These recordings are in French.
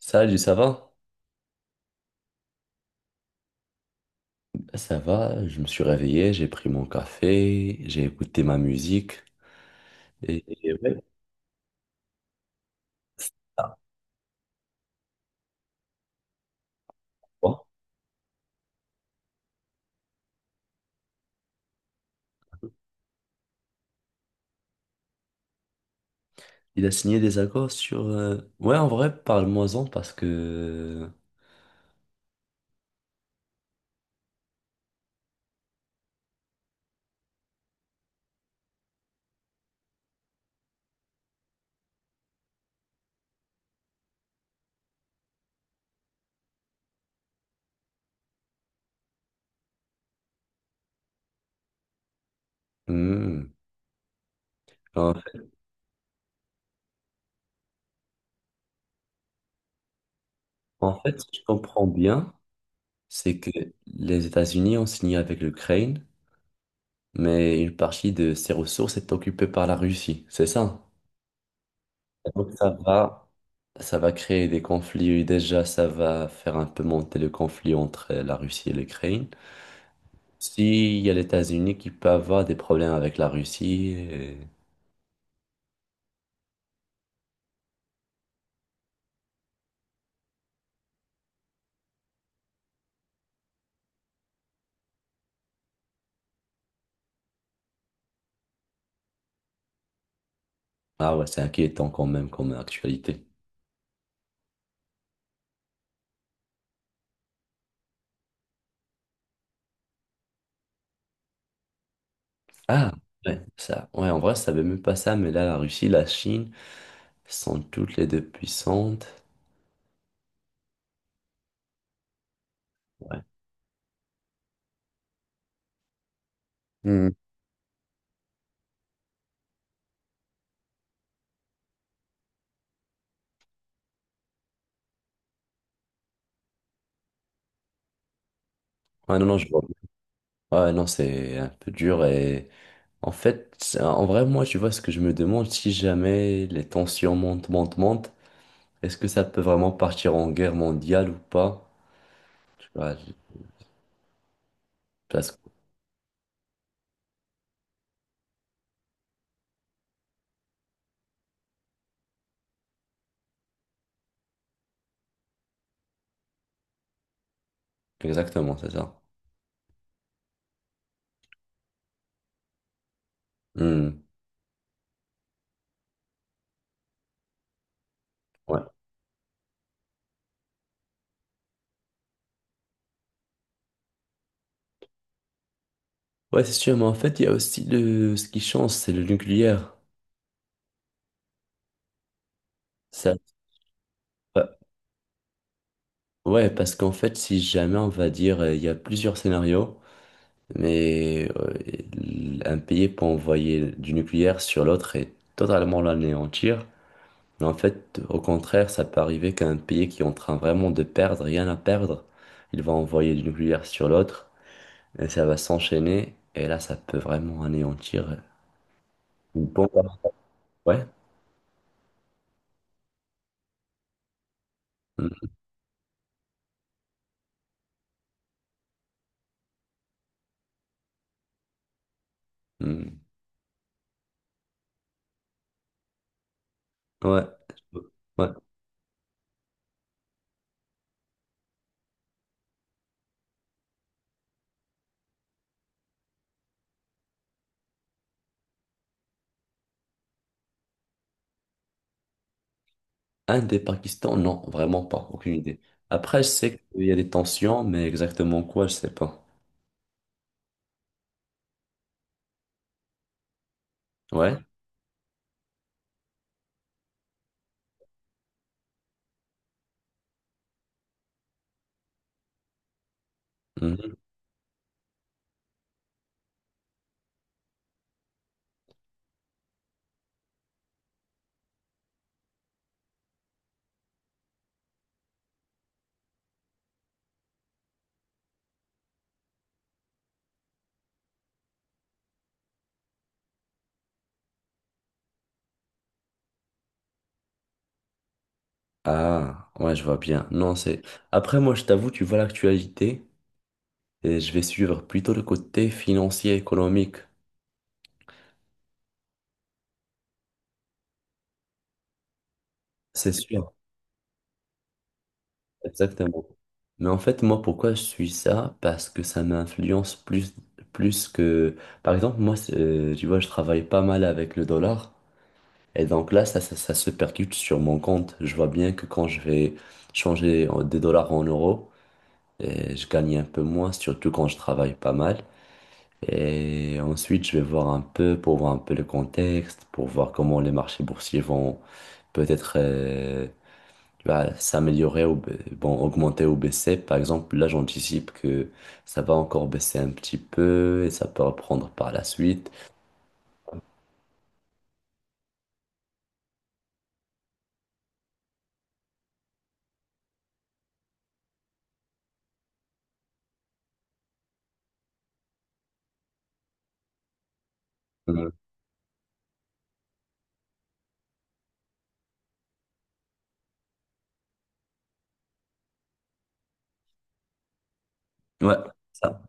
Salut, ça va? Ben, ça va, je me suis réveillé, j'ai pris mon café, j'ai écouté ma musique. Et ouais, ça va. Il a signé des accords sur, ouais, en vrai, parle-moi-en, parce que. Hmm. En fait, en fait, si je comprends bien, c'est que les États-Unis ont signé avec l'Ukraine, mais une partie de ses ressources est occupée par la Russie, c'est ça? Donc ça va. Ça va créer des conflits. Déjà, ça va faire un peu monter le conflit entre la Russie et l'Ukraine. S'il y a les États-Unis qui peut avoir des problèmes avec la Russie, ah ouais, c'est inquiétant quand même comme actualité. Ah, ouais, ça, ouais, en vrai, je savais même pas ça, mais là, la Russie, la Chine sont toutes les deux puissantes. Ouais. Hmm. Ouais, non, non, je vois. Ouais, non, c'est un peu dur et en fait, en vrai, moi, tu vois, ce que je me demande, si jamais les tensions montent, montent, montent, est-ce que ça peut vraiment partir en guerre mondiale ou pas? Tu vois, parce que- exactement, c'est ça. Hmm, ouais. Ouais, c'est sûr, mais en fait, il y a aussi ce qui change, c'est le nucléaire. Ça. Ouais, ouais, parce qu'en fait, si jamais, on va dire, il y a plusieurs scénarios, mais un pays peut envoyer du nucléaire sur l'autre et totalement l'anéantir. Mais en fait, au contraire, ça peut arriver qu'un pays qui est en train vraiment de perdre, rien à perdre, il va envoyer du nucléaire sur l'autre. Et ça va s'enchaîner. Et là, ça peut vraiment anéantir une bombe. Ouais. Mm, mm. Ouais. Ouais. Un des Pakistan, non, vraiment pas. Aucune idée. Après, je sais qu'il y a des tensions, mais exactement quoi, je sais pas. Ouais. Mhm. Ah, ouais, je vois bien. Non, c'est. Après, moi, je t'avoue, tu vois l'actualité et je vais suivre plutôt le côté financier, économique. C'est sûr, exactement. Mais en fait, moi, pourquoi je suis ça? Parce que ça m'influence plus, plus que. Par exemple, moi, tu vois, je travaille pas mal avec le dollar. Et donc là, ça se percute sur mon compte. Je vois bien que quand je vais des dollars en euros, je gagne un peu moins, surtout quand je travaille pas mal. Et ensuite, je vais voir un peu pour voir un peu le contexte, pour voir comment les marchés boursiers vont peut-être, tu vas s'améliorer ou bon, augmenter ou baisser. Par exemple, là, j'anticipe que ça va encore baisser un petit peu et ça peut reprendre par la suite. Mhm. Ouais, ça.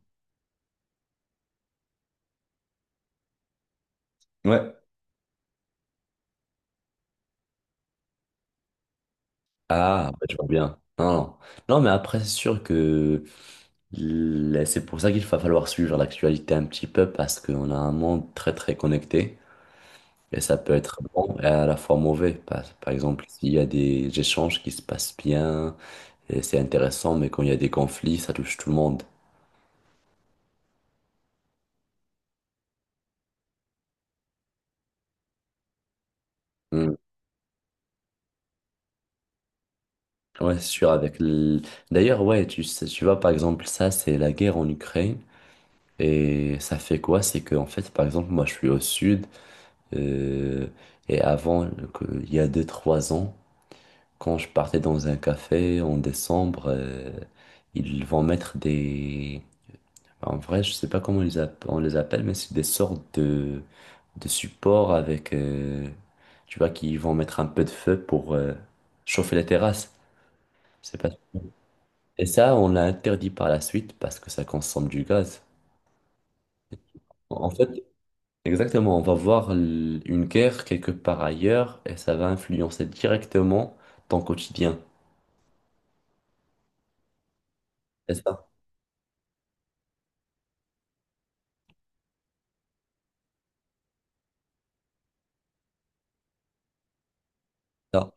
Ouais. Ah, bah, je vois bien. Non, non. Non, mais après, c'est sûr que c'est pour ça qu'il va falloir suivre l'actualité un petit peu parce qu'on a un monde très, très connecté. Et ça peut être bon et à la fois mauvais. Par exemple, s'il y a des échanges qui se passent bien, et c'est intéressant, mais quand il y a des conflits, ça touche tout le monde. Ouais, c'est sûr, d'ailleurs, ouais, tu sais, tu vois, par exemple, ça, c'est la guerre en Ukraine. Et ça fait quoi? C'est que, en fait, par exemple, moi, je suis au sud. euh, et avant, il y a deux trois ans, quand je partais dans un café en décembre, ils vont mettre des, enfin, en vrai, je sais pas comment ils on les appelle, mais c'est des sortes de supports avec, tu vois, qui vont mettre un peu de feu pour chauffer les terrasses. Je sais pas si. Et ça, on l'a interdit par la suite parce que ça consomme du gaz. En fait, exactement, on va voir une guerre quelque part ailleurs et ça va influencer directement ton quotidien. C'est ça? Ça.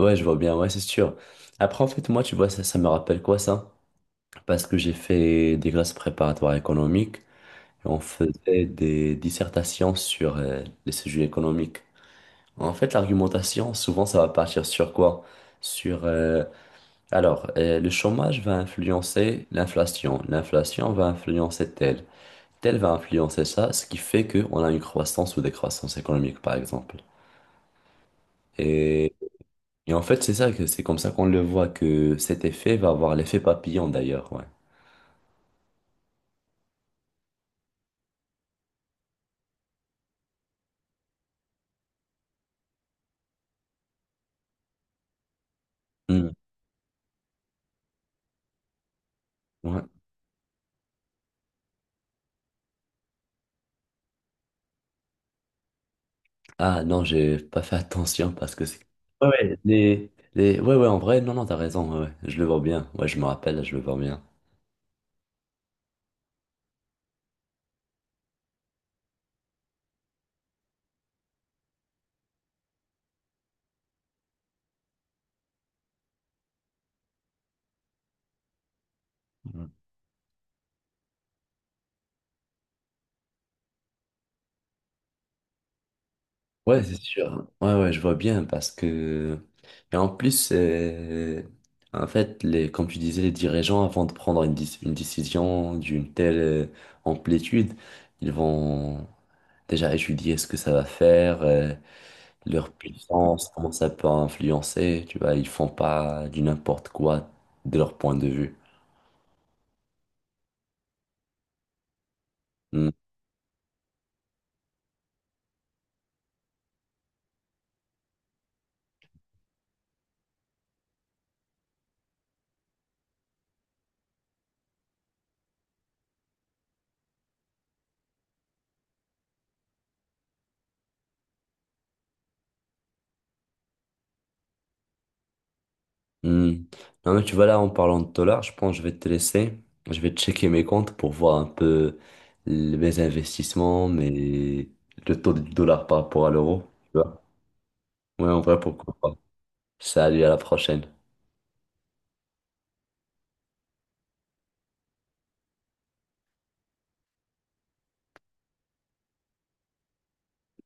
Ouais, je vois bien, ouais, c'est sûr. Après, en fait, moi, tu vois, ça me rappelle quoi ça? Parce que j'ai fait des classes préparatoires économiques et on faisait des dissertations sur les sujets économiques. En fait, l'argumentation, souvent, ça va partir sur quoi? Sur, alors, le chômage va influencer l'inflation, l'inflation va influencer tel. Tel va influencer ça, ce qui fait qu'on a une croissance ou des croissances économiques, par exemple. Et, et en fait, c'est ça que c'est comme ça qu'on le voit que cet effet va avoir l'effet papillon d'ailleurs, ouais. Hmm, ouais. Ah non, j'ai pas fait attention parce que c'est. Ouais, ouais, ouais, ouais, en vrai, non, non, t'as raison, ouais, ouais, je le vois bien, ouais, je me rappelle, je le vois bien. Ouais, c'est sûr. Ouais, ouais, je vois bien parce que. Et en plus, en fait, comme tu disais, les dirigeants, avant de prendre une décision d'une telle amplitude, ils vont déjà étudier ce que ça va faire, leur puissance, comment ça peut influencer. Tu vois, ils font pas du n'importe quoi de leur point de vue. Hmm. Hmm. Non, mais tu vois, là, en parlant de dollars, je pense que je vais te laisser. Je vais checker mes comptes pour voir un peu mes investissements, le taux du dollar par rapport à l'euro. Tu vois? Ouais, en vrai, pourquoi pas. Salut, à la prochaine.